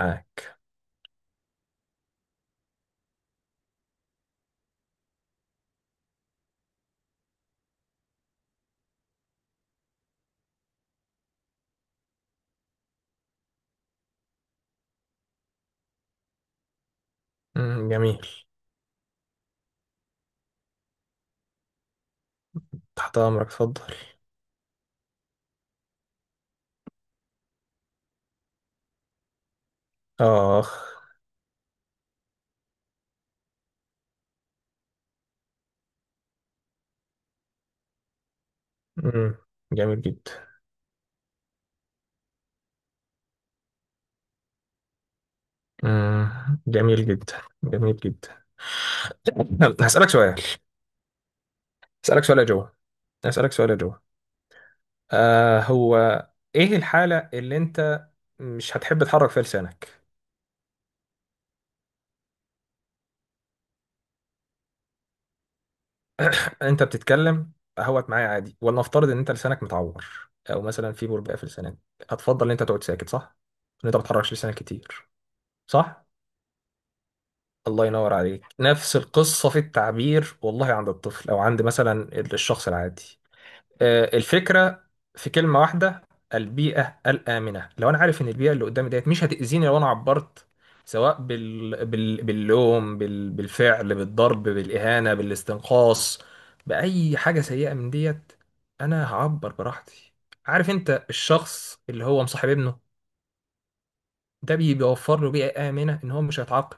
معاك. مم، جميل. تحت أمرك، اتفضل. آخ. مم، جميل جدا. مم، جميل جدا، جميل جدا. يلا، هسألك سؤال. هسألك سؤال يا جو. هسألك سؤال يا جو. هو، إيه الحالة اللي أنت مش هتحب تحرك فيها لسانك؟ أنت بتتكلم أهوت معايا عادي، ولنفترض إن أنت لسانك متعور أو مثلا في بربقة في لسانك، هتفضل إن أنت تقعد ساكت صح؟ إن أنت ما بتحركش لسانك كتير، صح؟ الله ينور عليك. نفس القصة في التعبير، والله، عند الطفل أو عند مثلا الشخص العادي. الفكرة في كلمة واحدة: البيئة الآمنة. لو أنا عارف إن البيئة اللي قدامي ديت مش هتأذيني لو أنا عبرت، سواء باللوم، بالفعل، بالضرب، بالإهانة، بالاستنقاص، بأي حاجة سيئة من ديت، أنا هعبر براحتي. عارف أنت الشخص اللي هو مصاحب ابنه ده بيوفر له بيئة آمنة، إن هو مش هيتعاقب،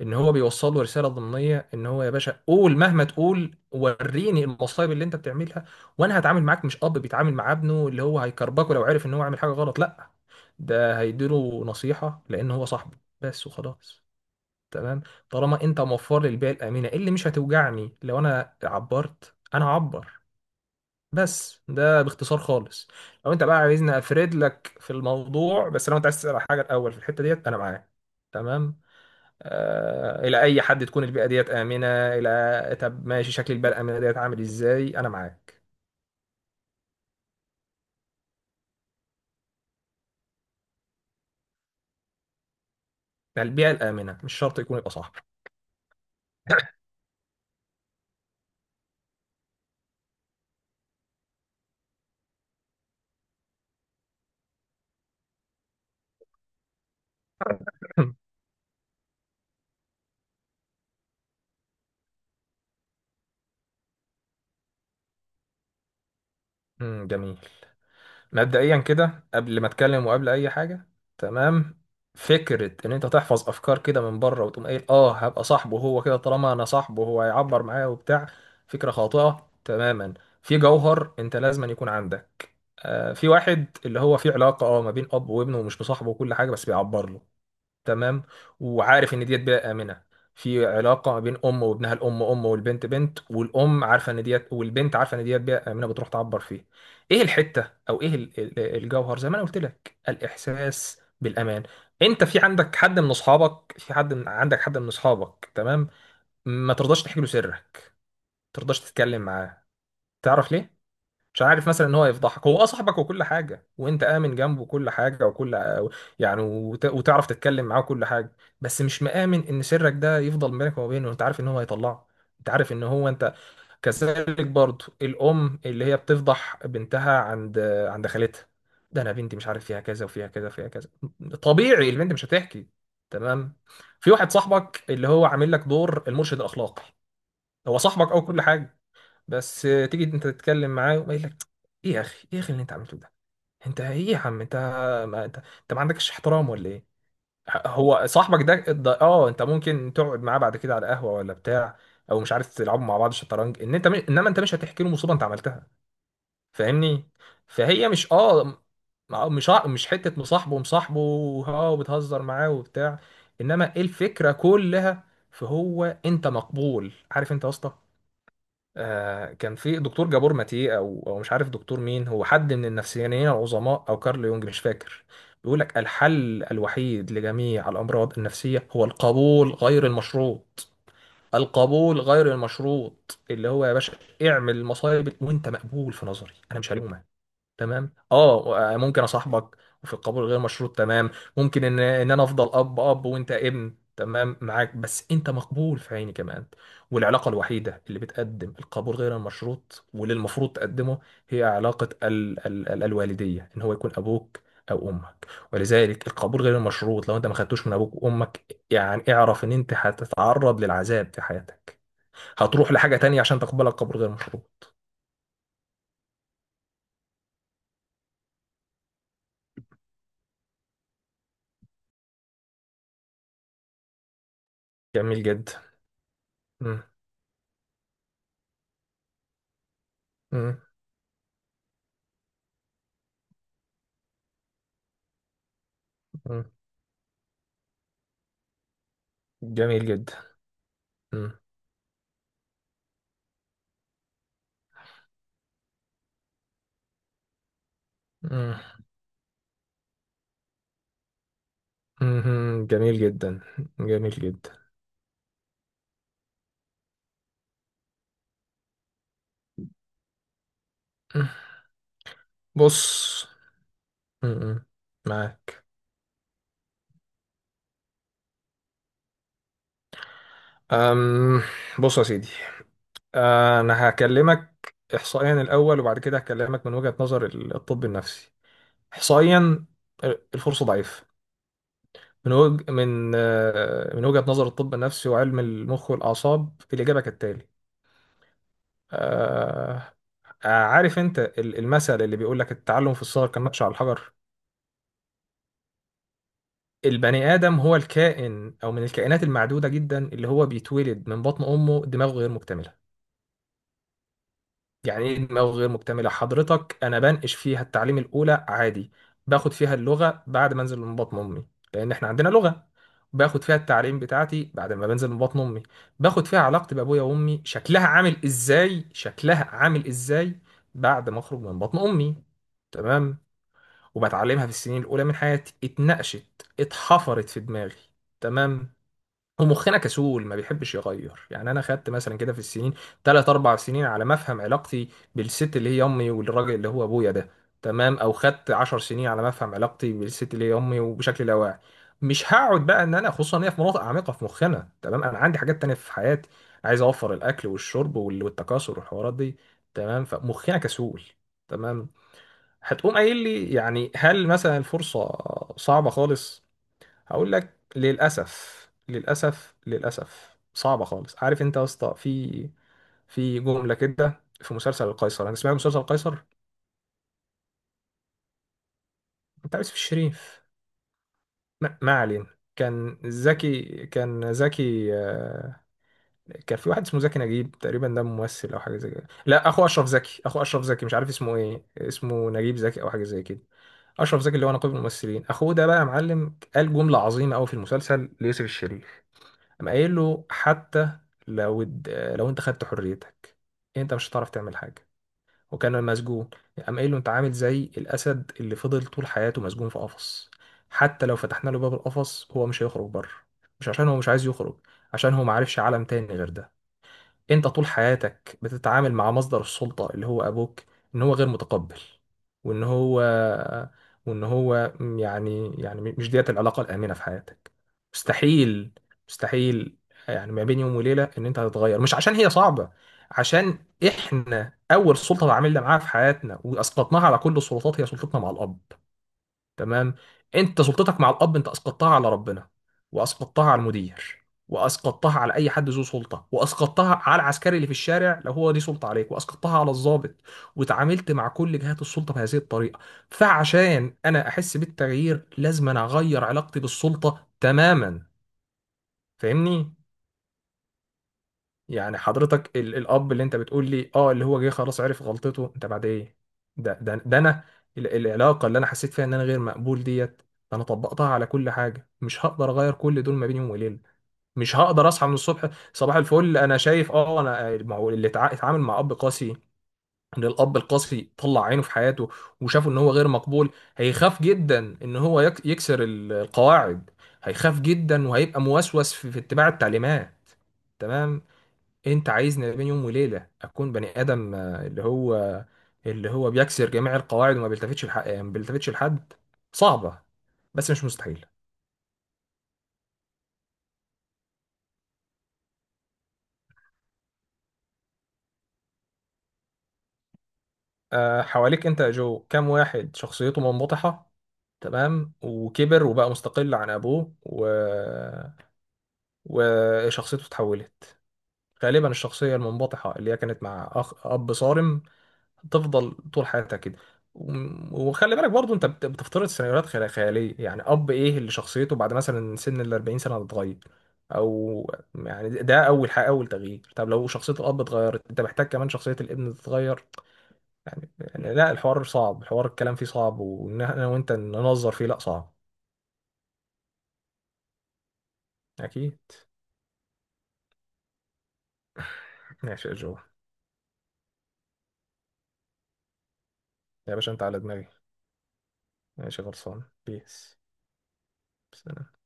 ان هو بيوصل له رساله ضمنيه ان هو يا باشا قول، مهما تقول وريني المصايب اللي انت بتعملها، وانا هتعامل معاك، مش اب بيتعامل مع ابنه اللي هو هيكربكه لو عرف ان هو عامل حاجه غلط، لا، ده هيديله نصيحه لان هو صاحبه بس وخلاص. تمام. طالما انت موفر لي البيئه الامنه، إيه اللي مش هتوجعني لو انا عبرت، انا هعبر. بس ده باختصار خالص، لو انت بقى عايزني افرد لك في الموضوع. بس لو انت عايز تسال على حاجه الاول في الحته ديت، انا معاك. تمام. الى اي حد تكون البيئه ديت امنه؟ الى، طب ماشي، شكل البيئه الامنه ديت عامل ازاي؟ انا معاك. يعني البيئه الامنه مش شرط يكون يبقى صاحبي. مم، جميل. مبدئيا كده قبل ما اتكلم وقبل اي حاجه، تمام، فكره ان انت تحفظ افكار كده من بره وتقوم قايل اه هبقى صاحبه، هو كده طالما انا صاحبه هو هيعبر معايا وبتاع، فكره خاطئه تماما. في جوهر، انت لازم أن يكون عندك، في واحد اللي هو في علاقه اه ما بين اب وابنه ومش مصاحبه وكل حاجه، بس بيعبر له. تمام. وعارف ان ديت بيئه امنه. في علاقه ما بين ام وابنها، الام ام والبنت بنت، والام عارفه ان ديت، والبنت عارفه ان ديت بيئه امنه بتروح تعبر فيه. ايه الحته، او ايه الجوهر؟ زي ما انا قلت لك، الاحساس بالامان. انت في عندك حد من اصحابك، في حد من عندك حد من اصحابك، تمام، ما ترضاش تحكي له سرك، ما ترضاش تتكلم معاه. تعرف ليه؟ مش عارف مثلا ان هو يفضحك، هو اه صاحبك وكل حاجه، وانت امن جنبه كل حاجه وكل، يعني وتعرف تتكلم معاه وكل حاجه، بس مش مآمن ان سرك ده يفضل بينك وما بينه، انت عارف ان هو هيطلعه. انت عارف ان هو انت. كذلك برضه، الام اللي هي بتفضح بنتها عند، عند خالتها، ده انا بنتي مش عارف فيها كذا وفيها كذا وفيها كذا، طبيعي البنت مش هتحكي. تمام. في واحد صاحبك اللي هو عامل لك دور المرشد الاخلاقي، هو صاحبك او كل حاجه، بس تيجي انت تتكلم معاه ويقول لك: ايه يا اخي، ايه يا اخي اللي انت عملته ده، انت ايه يا عم، انت، ما انت, انت ما عندكش احترام ولا ايه؟ هو صاحبك ده اه، انت ممكن تقعد معاه بعد كده على قهوه ولا بتاع، او مش عارف تلعبوا مع بعض شطرنج، ان انت انما انت مش هتحكي له مصيبه انت عملتها. فاهمني؟ فهي مش اه مش حته مصاحبه مصاحبه، اه وبتهزر معاه وبتاع، انما إيه الفكره كلها؟ فهو، انت مقبول. عارف انت يا اسطى، كان في دكتور جابور ماتيه، او مش عارف دكتور مين، هو حد من النفسيانيين العظماء، او كارل يونج مش فاكر، بيقول لك الحل الوحيد لجميع الامراض النفسيه هو القبول غير المشروط. القبول غير المشروط اللي هو يا باشا اعمل المصايب وانت مقبول في نظري، انا مش هلومك، تمام، اه ممكن اصاحبك وفي القبول غير مشروط، تمام، ممكن ان ان انا افضل اب وانت ابن، تمام معاك، بس انت مقبول في عيني كمان. والعلاقه الوحيده اللي بتقدم القبول غير المشروط واللي المفروض تقدمه، هي علاقه ال ال ال الوالديه، ان هو يكون ابوك او امك. ولذلك القبول غير المشروط لو انت ما خدتوش من ابوك وامك، يعني اعرف ان انت هتتعرض للعذاب في حياتك، هتروح لحاجه تانية عشان تقبلك قبول غير مشروط. جميل جدا. مم. مم. مم. جميل جدا. مم. مم. مم. جميل جدا، جميل جدا. مم. بص. مم. معاك. أم بص يا سيدي، أنا هكلمك إحصائيا الأول، وبعد كده هكلمك من وجهة نظر الطب النفسي. إحصائيا، الفرصة ضعيفة. من من وجهة نظر الطب النفسي وعلم المخ والأعصاب، الإجابة كالتالي. آه، عارف أنت المثل اللي بيقول لك التعلم في الصغر كالنقش على الحجر؟ البني آدم هو الكائن، أو من الكائنات المعدودة جدا اللي هو بيتولد من بطن أمه دماغه غير مكتملة. يعني إيه دماغه غير مكتملة؟ حضرتك أنا بنقش فيها التعليم الأولى عادي، باخد فيها اللغة بعد ما أنزل من بطن أمي، لأن إحنا عندنا لغة، باخد فيها التعليم بتاعتي بعد ما بنزل من بطن أمي، باخد فيها علاقتي بأبويا وأمي شكلها عامل إزاي، شكلها عامل إزاي بعد ما أخرج من بطن أمي. تمام. وبتعلمها في السنين الأولى من حياتي، اتنقشت، اتحفرت في دماغي. تمام. ومخنا كسول ما بيحبش يغير. يعني انا خدت مثلا كده في السنين، تلات اربع سنين على ما افهم علاقتي بالست اللي هي امي والراجل اللي هو ابويا ده، تمام، او خدت عشر سنين على ما افهم علاقتي بالست اللي هي امي. وبشكل لا واعي مش هقعد بقى، ان انا خصوصا ان هي في مناطق عميقه في مخنا. تمام. انا عندي حاجات تانية في حياتي، عايز اوفر الاكل والشرب والتكاثر والحوارات دي، تمام، فمخنا كسول. تمام. هتقوم قايل لي يعني هل مثلا الفرصه صعبه خالص؟ هقول لك للأسف. للأسف، صعبة خالص. عارف انت يا اسطى في في جملة كده في مسلسل القيصر، انا سمعت مسلسل القيصر بتاع يوسف الشريف، ما علينا، كان زكي، كان في واحد اسمه زكي نجيب تقريبا، ده ممثل او حاجه زي كده، لا، اخو اشرف زكي، مش عارف اسمه ايه، اسمه نجيب زكي او حاجه زي كده. اشرف زكي اللي هو نقيب الممثلين، اخوه ده بقى يا معلم قال جمله عظيمه قوي في المسلسل ليوسف الشريف. قام قايل له: حتى لو الد- لو انت خدت حريتك، انت مش هتعرف تعمل حاجه. وكان مسجون. قام قايل له: انت عامل زي الاسد اللي فضل طول حياته مسجون في قفص، حتى لو فتحنا له باب القفص هو مش هيخرج بره، مش عشان هو مش عايز يخرج، عشان هو معرفش عالم تاني غير ده. انت طول حياتك بتتعامل مع مصدر السلطة اللي هو ابوك، ان هو غير متقبل، وان هو وان هو، مش ديت العلاقة الآمنة في حياتك. مستحيل. مستحيل. يعني ما بين يوم وليلة ان انت هتتغير، مش عشان هي صعبة، عشان احنا اول سلطة تعاملنا معاها في حياتنا واسقطناها على كل السلطات، هي سلطتنا مع الاب. تمام. انت سلطتك مع الاب انت اسقطتها على ربنا، واسقطتها على المدير، واسقطتها على اي حد ذو سلطه، واسقطتها على العسكري اللي في الشارع لو هو ليه سلطه عليك، واسقطتها على الضابط، وتعاملت مع كل جهات السلطه بهذه الطريقه. فعشان انا احس بالتغيير لازم انا اغير علاقتي بالسلطه تماما. فاهمني؟ يعني حضرتك الاب اللي انت بتقول لي اه اللي هو جه خلاص عرف غلطته انت بعد ايه، ده انا العلاقه اللي انا حسيت فيها ان انا غير مقبول ديت، انا طبقتها على كل حاجه، مش هقدر اغير كل دول ما بين يوم وليله. مش هقدر اصحى من الصبح صباح الفل انا شايف اه انا، ما هو اللي اتعامل مع اب قاسي، ان الاب القاسي طلع عينه في حياته وشافه ان هو غير مقبول، هيخاف جدا ان هو يكسر القواعد، هيخاف جدا وهيبقى موسوس في اتباع التعليمات. تمام. انت عايزني بين يوم وليله اكون بني ادم، اللي هو بيكسر جميع القواعد، وما بيلتفتش لحق، ما بيلتفتش لحد. صعبه بس مش مستحيل. حواليك انت يا جو كام واحد شخصيته منبطحه، تمام، وكبر وبقى مستقل عن ابوه وشخصيته اتحولت؟ غالبا الشخصيه المنبطحه اللي هي كانت مع اخ اب صارم تفضل طول حياتك كده. وخلي بالك برضو انت بتفترض سيناريوهات خياليه. يعني اب ايه اللي شخصيته بعد مثلا سن ال 40 سنه هتتغير؟ او يعني ده ده اول حاجه، اول تغيير. طب لو شخصيه الاب اتغيرت انت محتاج كمان شخصيه الابن تتغير. يعني لا، الحوار صعب، الحوار الكلام فيه صعب، وان انا وانت ننظر فيه لا صعب. اكيد. ماشي يا جو. يا باشا انت على دماغي. ماشي، غلصان بيس. سلام.